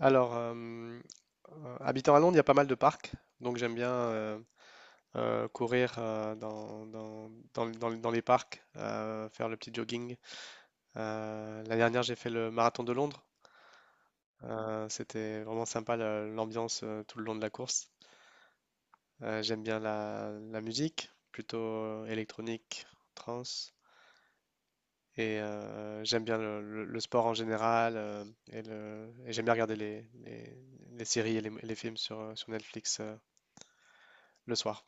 Alors, euh, Habitant à Londres, il y a pas mal de parcs, donc j'aime bien courir dans les parcs, faire le petit jogging. La dernière, j'ai fait le marathon de Londres. C'était vraiment sympa l'ambiance tout le long de la course. J'aime bien la musique, plutôt électronique, trance, et j'aime bien le sport en général, et j'aime bien regarder les séries et les films sur, sur Netflix le soir.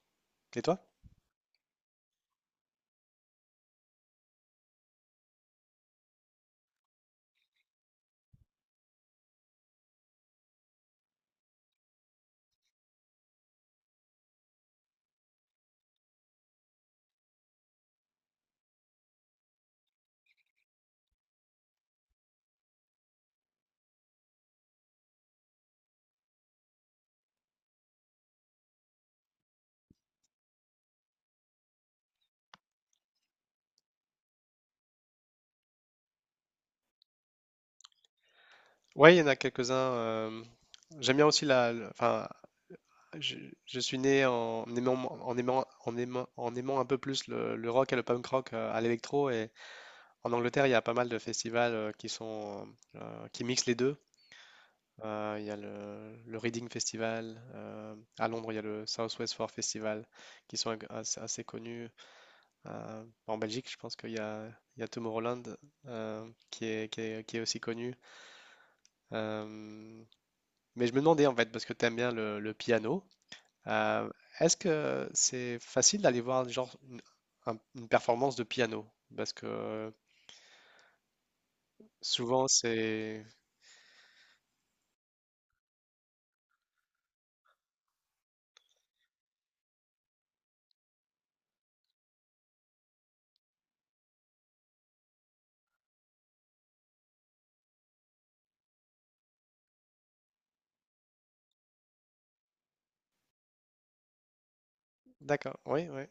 Et toi? Ouais, il y en a quelques-uns. J'aime bien aussi la. Le- Enfin, je, je suis né en aimant un peu plus le rock et le punk rock à l'électro. Et en Angleterre, il y a pas mal de festivals qui mixent les deux. Il y a le Reading Festival. À Londres, il y a le South West Four Festival, qui sont assez connus. En Belgique, je pense qu'il y a, il y a Tomorrowland, qui est aussi connu. Euh, Mais je me demandais en fait, parce que tu aimes bien le piano. Euh, est-ce que c'est facile d'aller voir genre une performance de piano? Parce que souvent c'est... D'accord, oui, oui.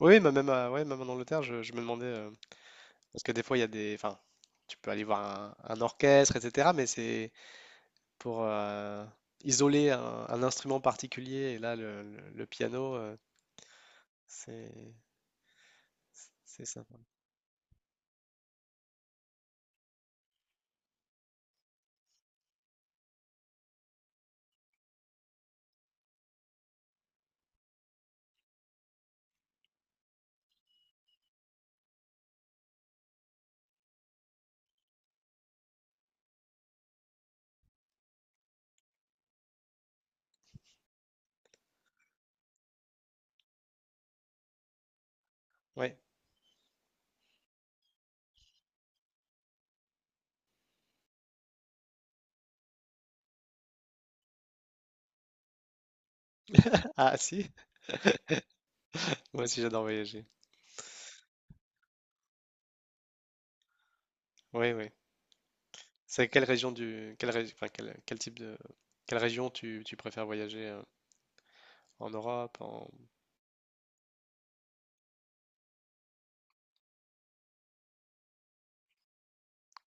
Oui, mais même, ouais, même en Angleterre, je me demandais, parce que des fois, il y a des... Enfin, tu peux aller voir un orchestre, etc. Mais c'est pour isoler un instrument particulier. Et là, le piano, c'est... C'est sympa. Oui. Ah si, moi aussi j'adore voyager. Oui, oui. C'est quelle région du quelle régi- enfin, quel, quel type de Quelle région tu, tu préfères voyager en Europe en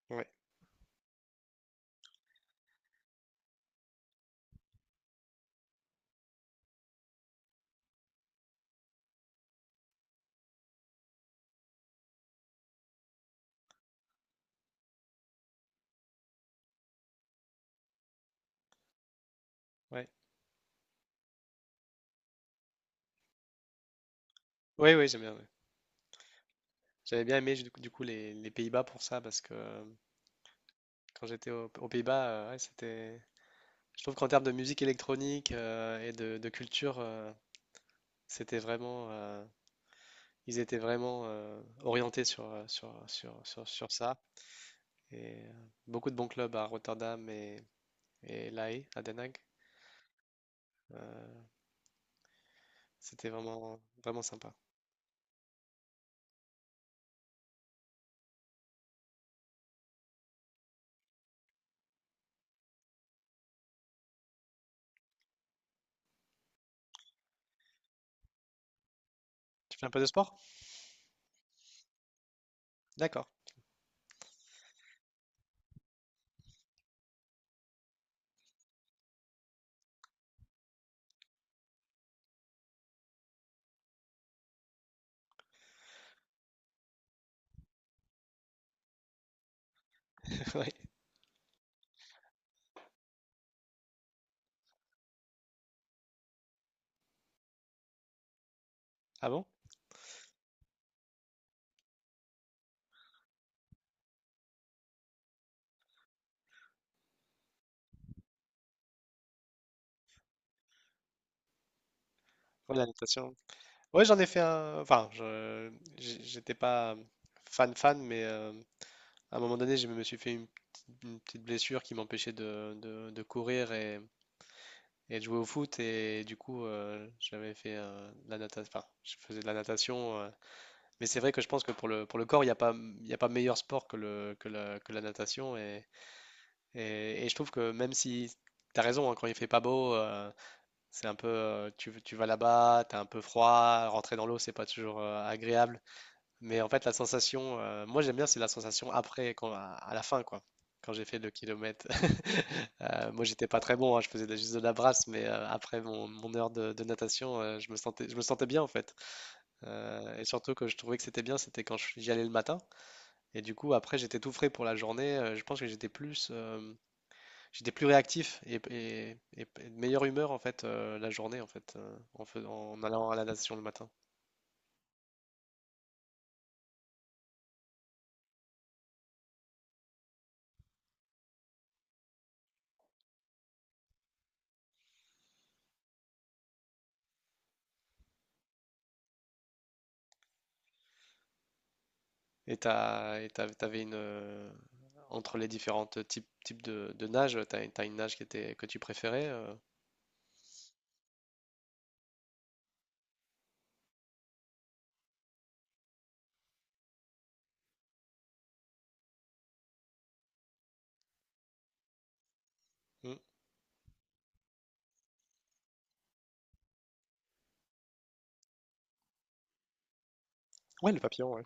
ouais ouais. Oui oui j'aime bien ouais. J'avais bien aimé du coup, les Pays-Bas pour ça parce que quand j'étais aux Pays-Bas, ouais, c'était, je trouve qu'en termes de musique électronique et de culture c'était vraiment ils étaient vraiment orientés sur ça et beaucoup de bons clubs à Rotterdam et La Haye à Den Haag. Euh, c'était vraiment vraiment sympa. Tu fais un peu de sport? D'accord. Oui. Ah bon? Oui, la natation. Oui, j'en ai fait un. J'étais pas fan fan, mais à un moment donné, je me suis fait une petite blessure qui m'empêchait de, de courir et de jouer au foot. Et du coup, j'avais fait de la natation. Enfin, je faisais de la natation. Mais c'est vrai que je pense que pour pour le corps, il y a pas meilleur sport que la natation. Et je trouve que même si. T'as raison, hein, quand il fait pas beau, c'est un peu, tu vas là-bas, t'as un peu froid, rentrer dans l'eau, c'est pas toujours agréable. Mais en fait, la sensation, moi j'aime bien, c'est la sensation après, quand, à la fin, quoi. Quand j'ai fait deux kilomètres. Moi, j'étais pas très bon, hein, je faisais juste de la brasse, mais après mon heure de natation, je me sentais bien en fait. Et surtout que je trouvais que c'était bien, c'était quand j'y allais le matin. Et du coup, après, j'étais tout frais pour la journée. Euh, je pense que j'étais plus. Euh, j'étais plus réactif et de meilleure humeur en fait la journée en fait en allant à la natation le matin. T'avais une, entre les différentes types de nage, t'as une nage qui était que tu préférais. Mm. Ouais, le papillon, ouais.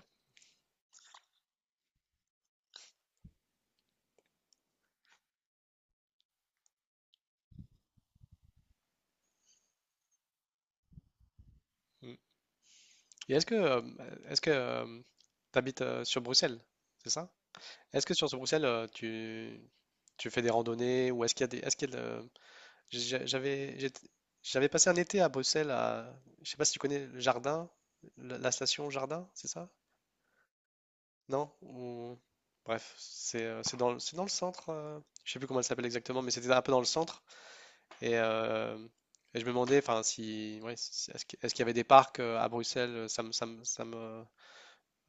Mm. Et est-ce que est-ce que euh, t'habites sur Bruxelles, c'est ça? Est-ce que sur ce Bruxelles, tu fais des randonnées ou est-ce qu'il y a des, est-ce qu'il y a de- J'ai- J'avais j'étais- J'avais passé un été à Bruxelles, à, je sais pas si tu connais le jardin, la station Jardin, c'est ça? Non? Ou- Bref, c'est c'est dans le centre, je sais plus comment elle s'appelle exactement, mais c'était un peu dans le centre. Et, euh, et je me demandais, enfin, si, ouais, est-ce qu'il y avait des parcs à Bruxelles? Ça me,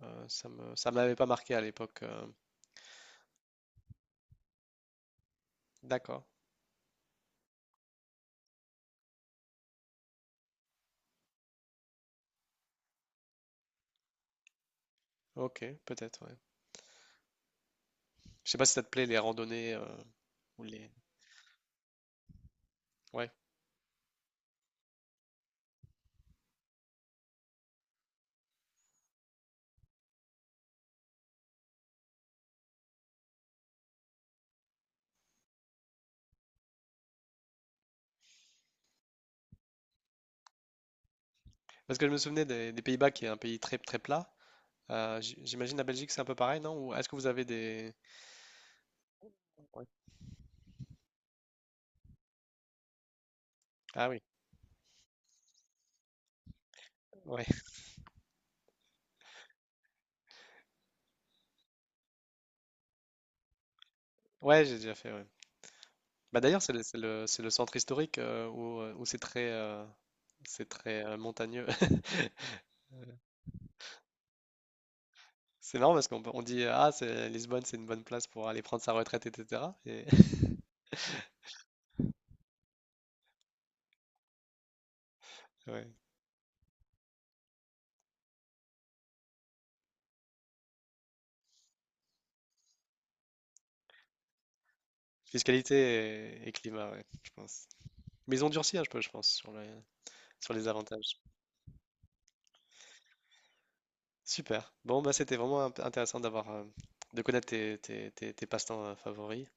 ça m'avait pas marqué à l'époque. D'accord, ok, peut-être, ouais. Je sais pas si ça te plaît les randonnées ou les. Ouais. Parce que je me souvenais des Pays-Bas qui est un pays très très plat. J- j'imagine la Belgique, c'est un peu pareil, non? Ou est-ce que vous avez des... Ouais. Ah oui, ouais, ouais, j'ai déjà fait. Ouais. Bah d'ailleurs, c'est le, c'est le centre historique où c'est très, montagneux. C'est marrant parce qu'on peut- on dit ah c'est Lisbonne, c'est une bonne place pour aller prendre sa retraite, etc. Et, ouais. Fiscalité et climat, ouais, je pense. Mais ils ont durci un peu, je pense, sur les avantages. Super. Bon, bah c'était vraiment intéressant d'avoir, de connaître tes passe-temps favoris.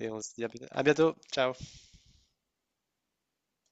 Et on se dit à bientôt. Ciao.